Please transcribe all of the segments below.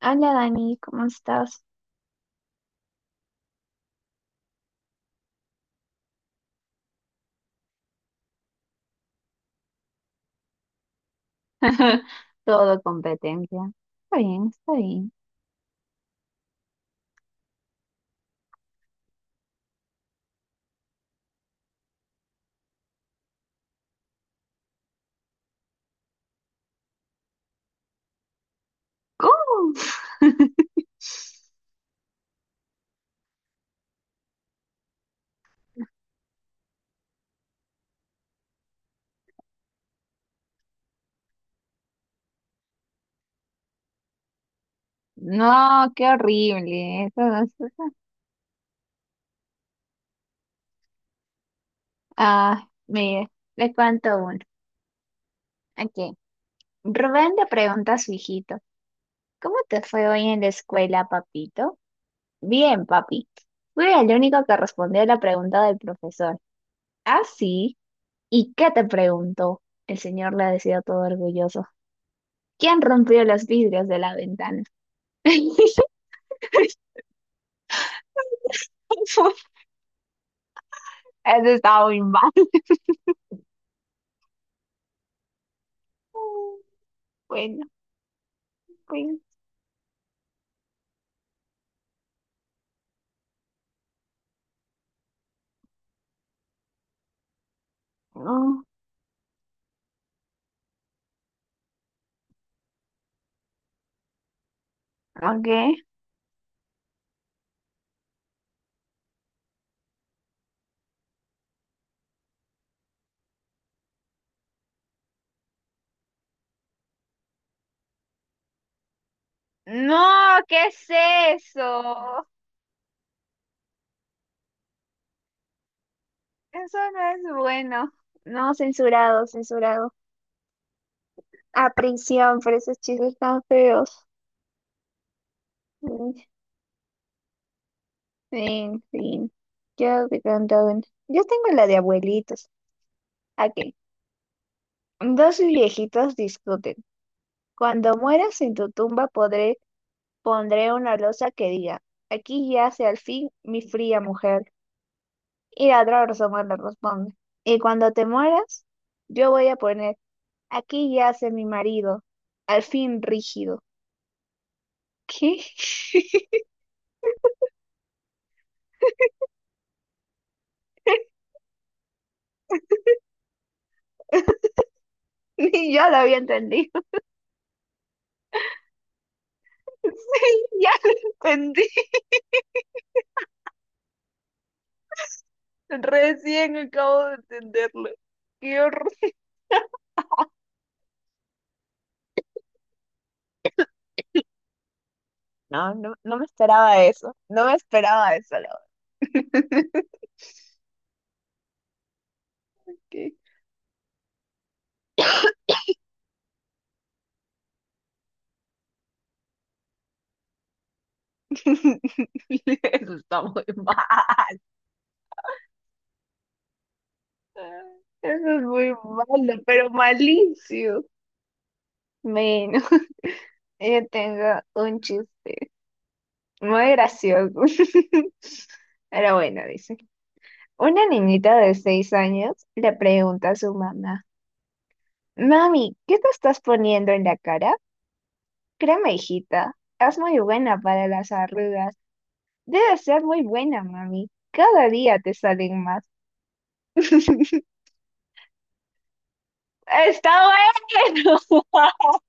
Hola Dani, ¿cómo estás? Todo competencia. Está bien, está bien. ¿Cómo? No, qué horrible. Eso no es- Ah, mire, le cuento uno. Aquí. Rubén le pregunta a su hijito, ¿cómo te fue hoy en la escuela, papito? Bien, papi. Fui el único que respondió a la pregunta del profesor. ¿Ah, sí? ¿Y qué te preguntó? El señor le decía todo orgulloso. ¿Quién rompió los vidrios de la ventana? Eso estaba muy mal. Bueno, pues, no, ok. No, ¿qué es eso? Eso no es bueno. No, censurado, censurado. A prisión por esos chistes tan feos. Mm, fin, fin. Yo te cuento una. Yo tengo la de abuelitos. Ok. Dos viejitos discuten. Cuando mueras en tu tumba podré, pondré una losa que diga, aquí yace al fin mi fría mujer. Y la otra persona le responde, y cuando te mueras, yo voy a poner, aquí yace mi marido, al fin rígido. ¿Qué? Ni yo lo había entendido. Sí, ya lo entendí. Recién acabo de entenderlo. Qué horror. No, no, no me esperaba eso. No me esperaba eso, la verdad. ¿Qué? Eso está muy mal. Eso es muy malo, pero malicio. Menos. Yo tengo un chiste muy gracioso. Pero bueno, dice. Una niñita de 6 años le pregunta a su mamá, mami, ¿qué te estás poniendo en la cara? Créeme, hijita, es muy buena para las arrugas. Debe ser muy buena, mami. Cada día te salen más. Está bueno.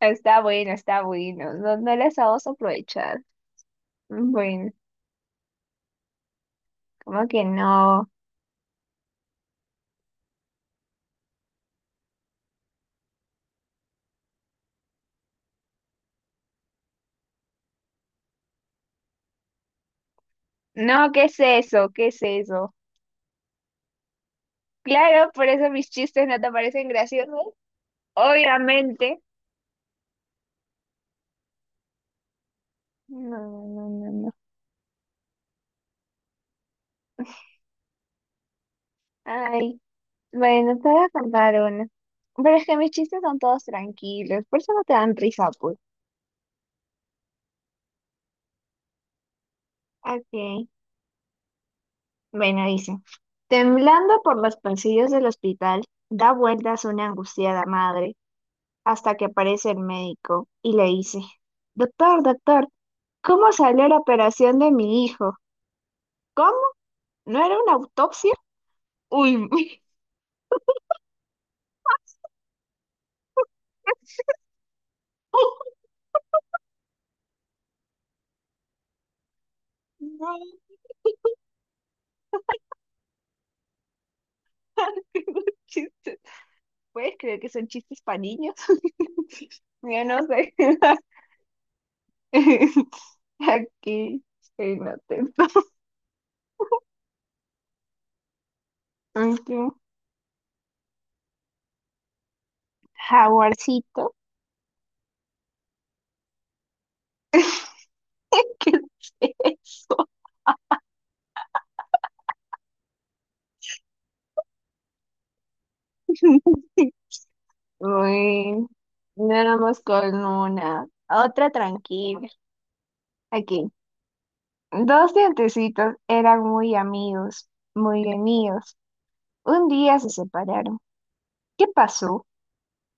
Está bueno, está bueno. No, no les vamos a aprovechar. Bueno, como que no. No, ¿qué es eso? ¿Qué es eso? Claro, por eso mis chistes no te parecen graciosos. Obviamente. No, no, no, no. Ay, bueno, te voy a contar uno. Pero es que mis chistes son todos tranquilos, por eso no te dan risa, pues. Ok. Bueno, dice. Temblando por los pasillos del hospital, da vueltas una angustiada madre hasta que aparece el médico y le dice, doctor, doctor, ¿cómo salió la operación de mi hijo? ¿Cómo? ¿No era una autopsia? Uy, no, qué buen chiste. ¿Puedes creer que son chistes para niños? Yo no sé. Aquí, estoy atento. Ujú. Jaguarcito. ¿Qué es eso? Uy, nada más con una. Otra tranquila. Aquí. Dos dientecitos eran muy amigos, muy amigos. Un día se separaron. ¿Qué pasó?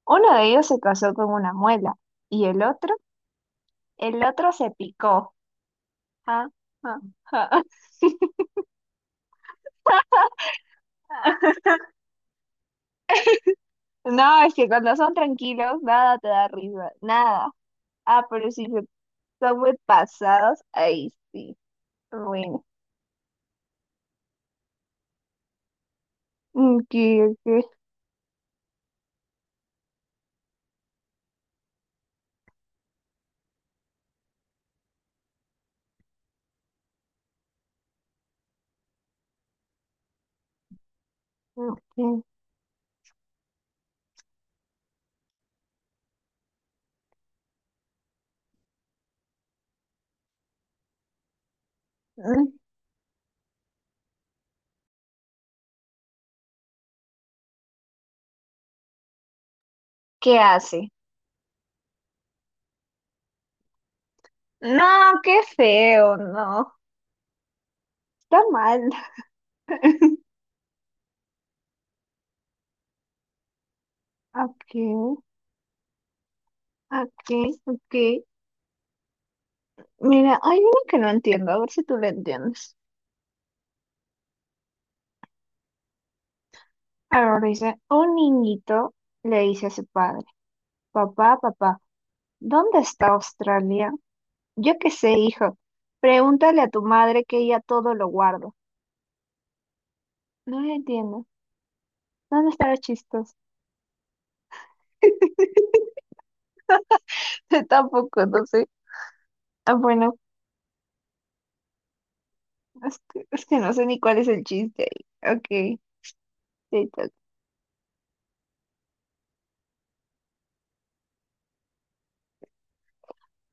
Uno de ellos se casó con una muela y el otro se picó. Ja, ja, ja. No, es que cuando son tranquilos, nada te da risa, nada. Ah, pero si se- son muy pasados, ahí sí. Bueno, ¿qué, qué, ¿qué hace? No, qué feo, no. Está mal. Ok, ok, ok. Mira, hay una que no entiendo, a ver si tú la entiendes. Ahora dice, un niñito le dice a su padre, papá, papá, ¿dónde está Australia? Yo qué sé, hijo. Pregúntale a tu madre que ella todo lo guarda. No lo entiendo. ¿Dónde estará chistoso? Tampoco, no sé. Ah, bueno, es que no sé ni cuál es el chiste ahí. Ok, te toca.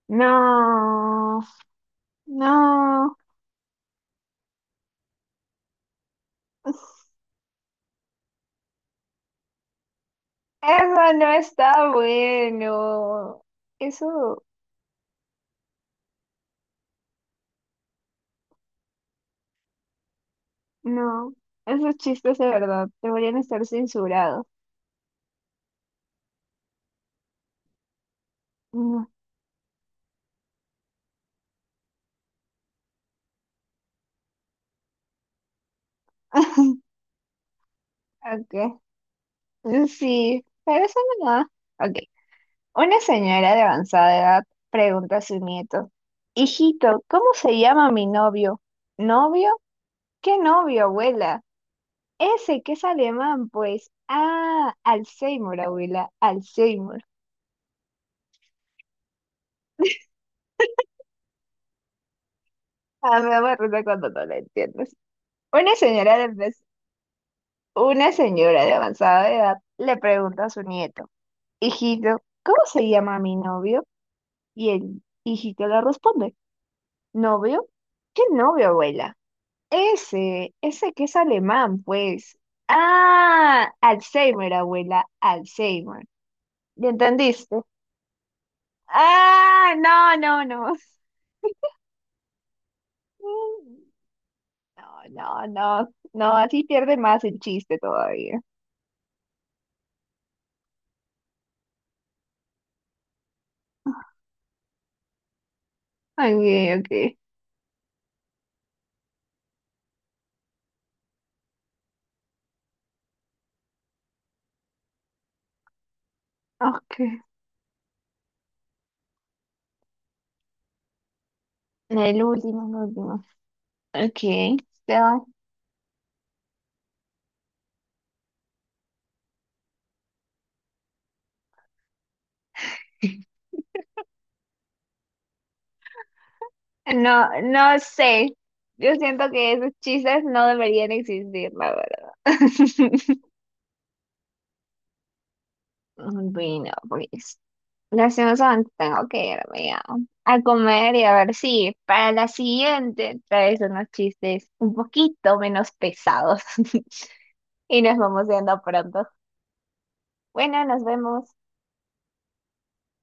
No, no. Eso no está bueno. Eso. No, esos chistes de verdad deberían estar censurados. No. Okay. Mm, sí, pero eso no. Ok. Una señora de avanzada edad pregunta a su nieto, hijito, ¿cómo se llama mi novio? ¿Novio? ¿Qué novio, abuela? Ese que es alemán, pues. Ah, Alzheimer, abuela, Alzheimer. Ah, me da acuerdo cuando no lo entiendes. Una señora de, una señora de avanzada edad le pregunta a su nieto, hijito, ¿cómo se llama mi novio? Y el hijito le responde, ¿novio? ¿Qué novio, abuela? Ese que es alemán, pues. Ah, Alzheimer, abuela, Alzheimer. ¿Ya entendiste? Ah, no, no, no. Mm, no, no, no, no, así pierde más el chiste todavía. Ok, ok, ok. El último, el último. Ok, te va. No, no sé. Yo siento que esos chistes no deberían existir, la verdad. Bueno, pues, lastimosamente tengo que irme a comer y a ver si para la siguiente traes unos chistes un poquito menos pesados. Y nos vamos viendo pronto. Bueno, nos vemos.